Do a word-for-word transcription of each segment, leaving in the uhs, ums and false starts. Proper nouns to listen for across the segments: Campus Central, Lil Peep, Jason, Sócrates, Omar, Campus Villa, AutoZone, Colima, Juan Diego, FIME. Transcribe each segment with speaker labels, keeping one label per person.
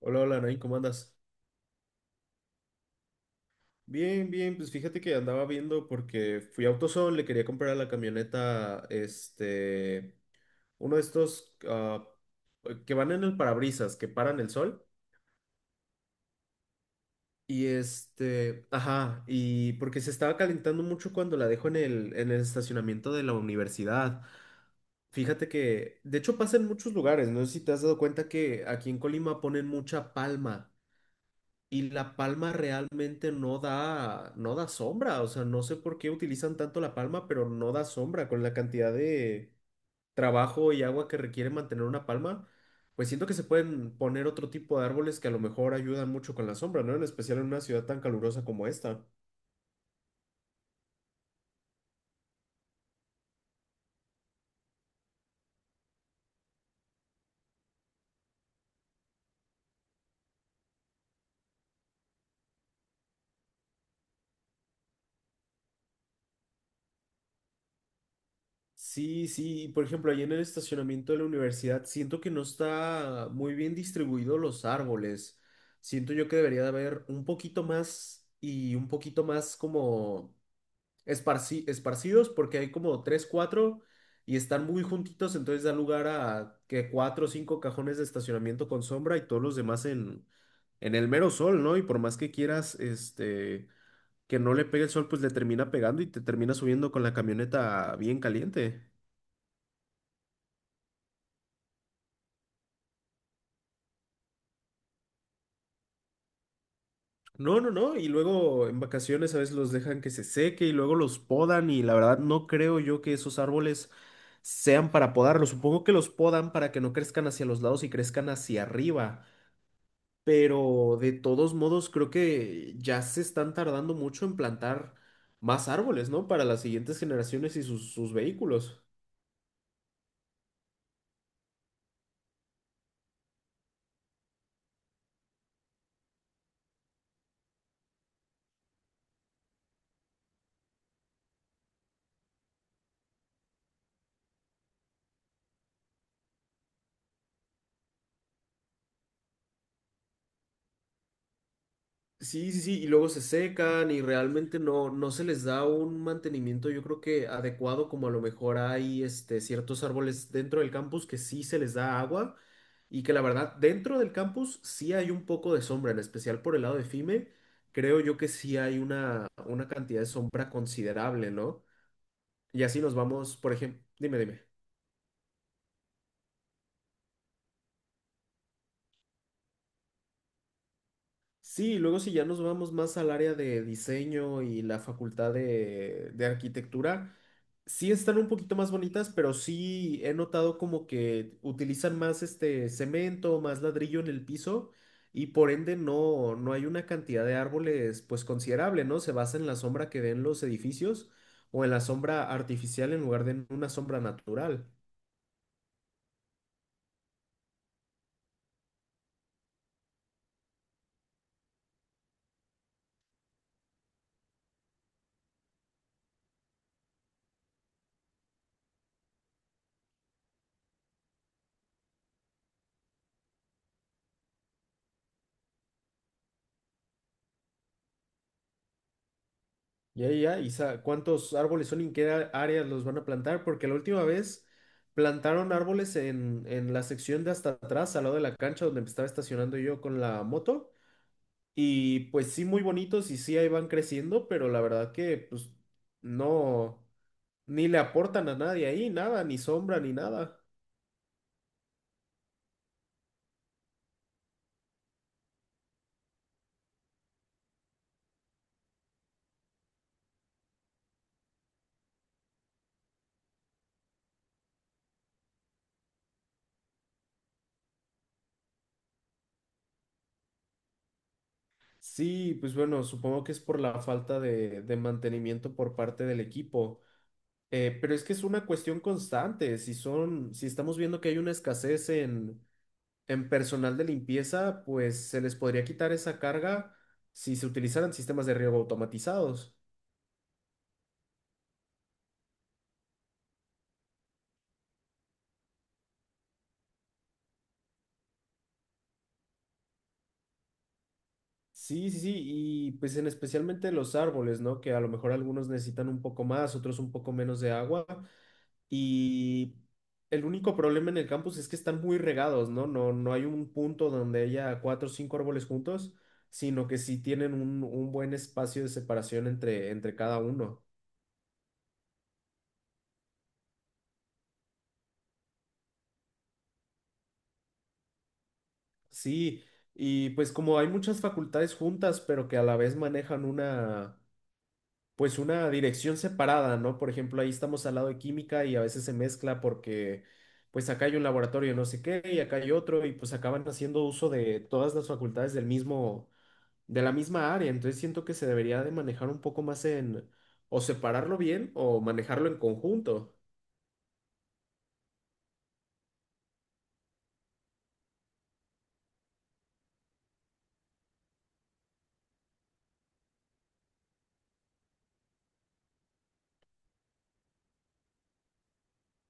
Speaker 1: Hola, hola, Nain, ¿cómo andas? Bien, bien, pues fíjate que andaba viendo porque fui a AutoZone, le quería comprar a la camioneta, este, uno de estos ah, que van en el parabrisas, que paran el sol. Y este, ajá, y porque se estaba calentando mucho cuando la dejo en el, en el estacionamiento de la universidad. Fíjate que, de hecho, pasa en muchos lugares, no sé si te has dado cuenta que aquí en Colima ponen mucha palma. Y la palma realmente no da, no da sombra, o sea, no sé por qué utilizan tanto la palma, pero no da sombra con la cantidad de trabajo y agua que requiere mantener una palma. Pues siento que se pueden poner otro tipo de árboles que a lo mejor ayudan mucho con la sombra, ¿no? En especial en una ciudad tan calurosa como esta. Sí, sí, por ejemplo, ahí en el estacionamiento de la universidad siento que no está muy bien distribuido los árboles. Siento yo que debería de haber un poquito más y un poquito más como esparci- esparcidos porque hay como tres, cuatro y están muy juntitos, entonces da lugar a que cuatro o cinco cajones de estacionamiento con sombra y todos los demás en, en el mero sol, ¿no? Y por más que quieras, este, que no le pegue el sol, pues le termina pegando y te termina subiendo con la camioneta bien caliente. No, no, no, y luego en vacaciones a veces los dejan que se seque y luego los podan y la verdad no creo yo que esos árboles sean para podarlos, supongo que los podan para que no crezcan hacia los lados y crezcan hacia arriba. Pero de todos modos, creo que ya se están tardando mucho en plantar más árboles, ¿no? Para las siguientes generaciones y sus, sus vehículos. Sí, sí, sí, y luego se secan y realmente no, no se les da un mantenimiento, yo creo que adecuado, como a lo mejor hay este, ciertos árboles dentro del campus que sí se les da agua y que la verdad dentro del campus sí hay un poco de sombra, en especial por el lado de F I M E, creo yo que sí hay una, una cantidad de sombra considerable, ¿no? Y así nos vamos, por ejemplo, dime, dime. Sí, luego si ya nos vamos más al área de diseño y la facultad de, de arquitectura, sí están un poquito más bonitas, pero sí he notado como que utilizan más este cemento, más ladrillo en el piso y por ende no, no hay una cantidad de árboles pues considerable, ¿no? Se basa en la sombra que den los edificios o en la sombra artificial en lugar de en una sombra natural. Ya, ya, ¿y sa- cuántos árboles son y en qué a- áreas los van a plantar? Porque la última vez plantaron árboles en, en, la sección de hasta atrás, al lado de la cancha donde me estaba estacionando yo con la moto. Y pues sí, muy bonitos y sí, ahí van creciendo, pero la verdad que pues no, ni le aportan a nadie ahí, nada, ni sombra, ni nada. Sí, pues bueno, supongo que es por la falta de, de mantenimiento por parte del equipo. Eh, pero es que es una cuestión constante. Si son, si estamos viendo que hay una escasez en, en personal de limpieza, pues se les podría quitar esa carga si se utilizaran sistemas de riego automatizados. Sí, sí, sí, y pues en especialmente los árboles, ¿no? Que a lo mejor algunos necesitan un poco más, otros un poco menos de agua. Y el único problema en el campus es que están muy regados, ¿no? No, no hay un punto donde haya cuatro o cinco árboles juntos, sino que sí tienen un, un buen espacio de separación entre, entre cada uno. Sí, y pues como hay muchas facultades juntas, pero que a la vez manejan una, pues una dirección separada, ¿no? Por ejemplo, ahí estamos al lado de química y a veces se mezcla porque... Pues acá hay un laboratorio no sé qué y acá hay otro y pues acaban haciendo uso de todas las facultades del mismo, de la misma área, entonces siento que se debería de manejar un poco más en o separarlo bien o manejarlo en conjunto.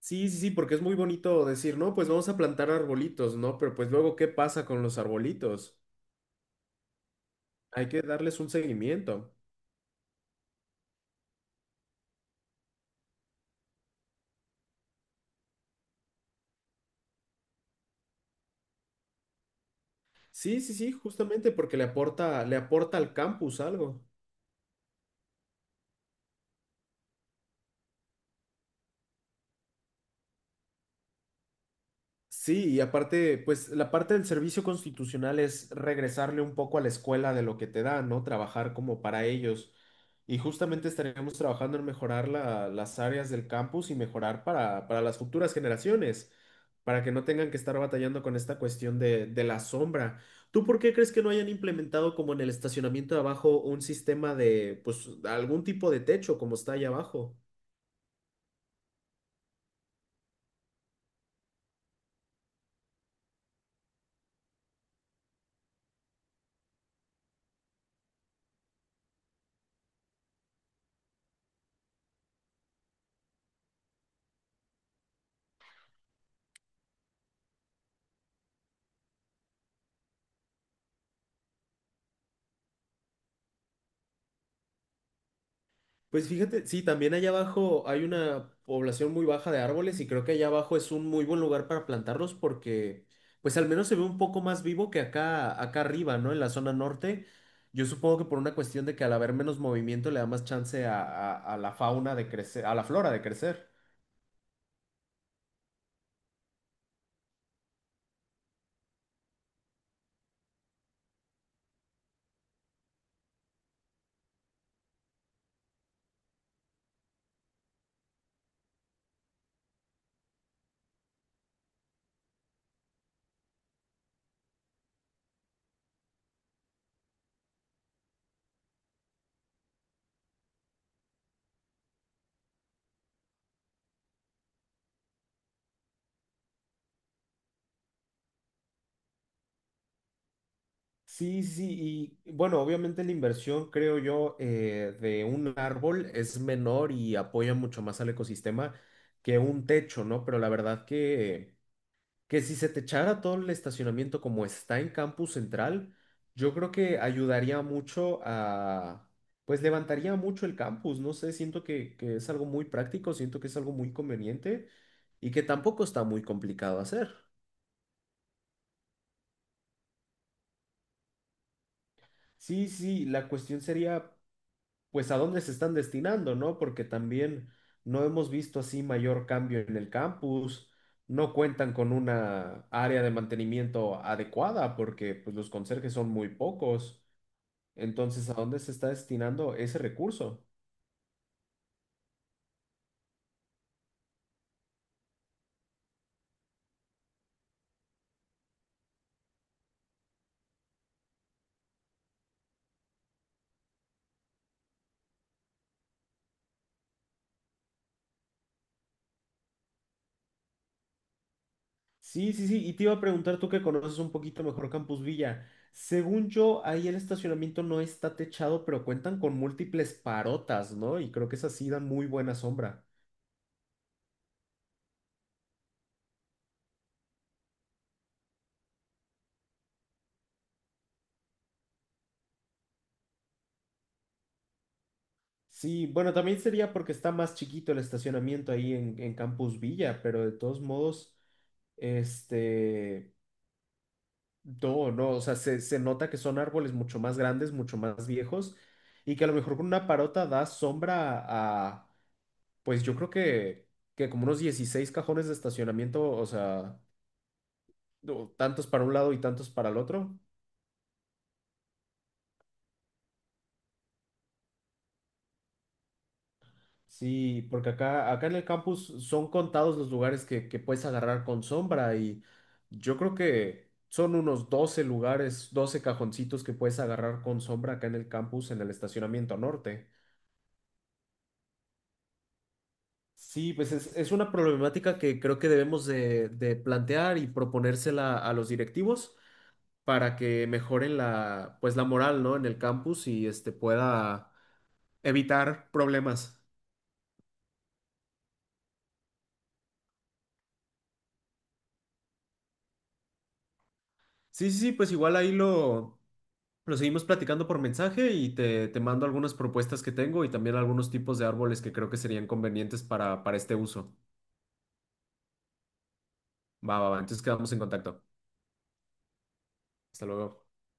Speaker 1: Sí, sí, sí, porque es muy bonito decir, no, pues vamos a plantar arbolitos, ¿no? Pero pues luego, ¿qué pasa con los arbolitos? Hay que darles un seguimiento. Sí, sí, sí, justamente porque le aporta, le aporta al campus algo. Sí, y aparte, pues la parte del servicio constitucional es regresarle un poco a la escuela de lo que te da, ¿no? Trabajar como para ellos. Y justamente estaríamos trabajando en mejorar la- las áreas del campus y mejorar para, para las futuras generaciones, para que no tengan que estar batallando con esta cuestión de, de la sombra. ¿Tú por qué crees que no hayan implementado como en el estacionamiento de abajo un sistema de, pues, algún tipo de techo como está ahí abajo? Pues fíjate, sí, también allá abajo hay una población muy baja de árboles y creo que allá abajo es un muy buen lugar para plantarlos porque pues al menos se ve un poco más vivo que acá, acá arriba, ¿no? En la zona norte. Yo supongo que por una cuestión de que al haber menos movimiento le da más chance a, a a la fauna de crecer, a la flora de crecer. Sí, sí, sí, y bueno, obviamente la inversión, creo yo, eh, de un árbol es menor y apoya mucho más al ecosistema que un techo, ¿no? Pero la verdad que... que si se te echara todo el estacionamiento como está en Campus Central, yo creo que ayudaría mucho a, pues levantaría mucho el campus, no sé, siento que, que es algo muy práctico, siento que es algo muy conveniente y que tampoco está muy complicado hacer. Sí, sí, la cuestión sería, pues, a dónde se están destinando, ¿no? Porque también no hemos visto así mayor cambio en el campus. No cuentan con una área de mantenimiento adecuada porque pues, los conserjes son muy pocos. Entonces, ¿a dónde se está destinando ese recurso? Sí, sí, sí. Y te iba a preguntar tú que conoces un poquito mejor Campus Villa. Según yo, ahí el estacionamiento no está techado, pero cuentan con múltiples parotas, ¿no? Y creo que esas sí dan muy buena sombra. Sí, bueno, también sería porque está más chiquito el estacionamiento ahí en, en, Campus Villa, pero de todos modos, este, no, no, o sea, se, se nota que son árboles mucho más grandes, mucho más viejos, y que a lo mejor con una parota da sombra a, pues yo creo que, que como unos dieciséis cajones de estacionamiento, o sea, no, tantos para un lado y tantos para el otro. Sí, porque acá, acá en el campus son contados los lugares que, que puedes agarrar con sombra y yo creo que son unos doce lugares, doce cajoncitos que puedes agarrar con sombra acá en el campus en el estacionamiento norte. Sí, pues es, es una problemática que creo que debemos de, de plantear y proponérsela a los directivos para que mejoren la, pues la moral, ¿no? En el campus y este pueda evitar problemas. Sí, sí, sí, pues igual ahí lo, lo seguimos platicando por mensaje y te, te mando algunas propuestas que tengo y también algunos tipos de árboles que creo que serían convenientes para, para, este uso. Va, va, va. Entonces quedamos en contacto. Hasta luego.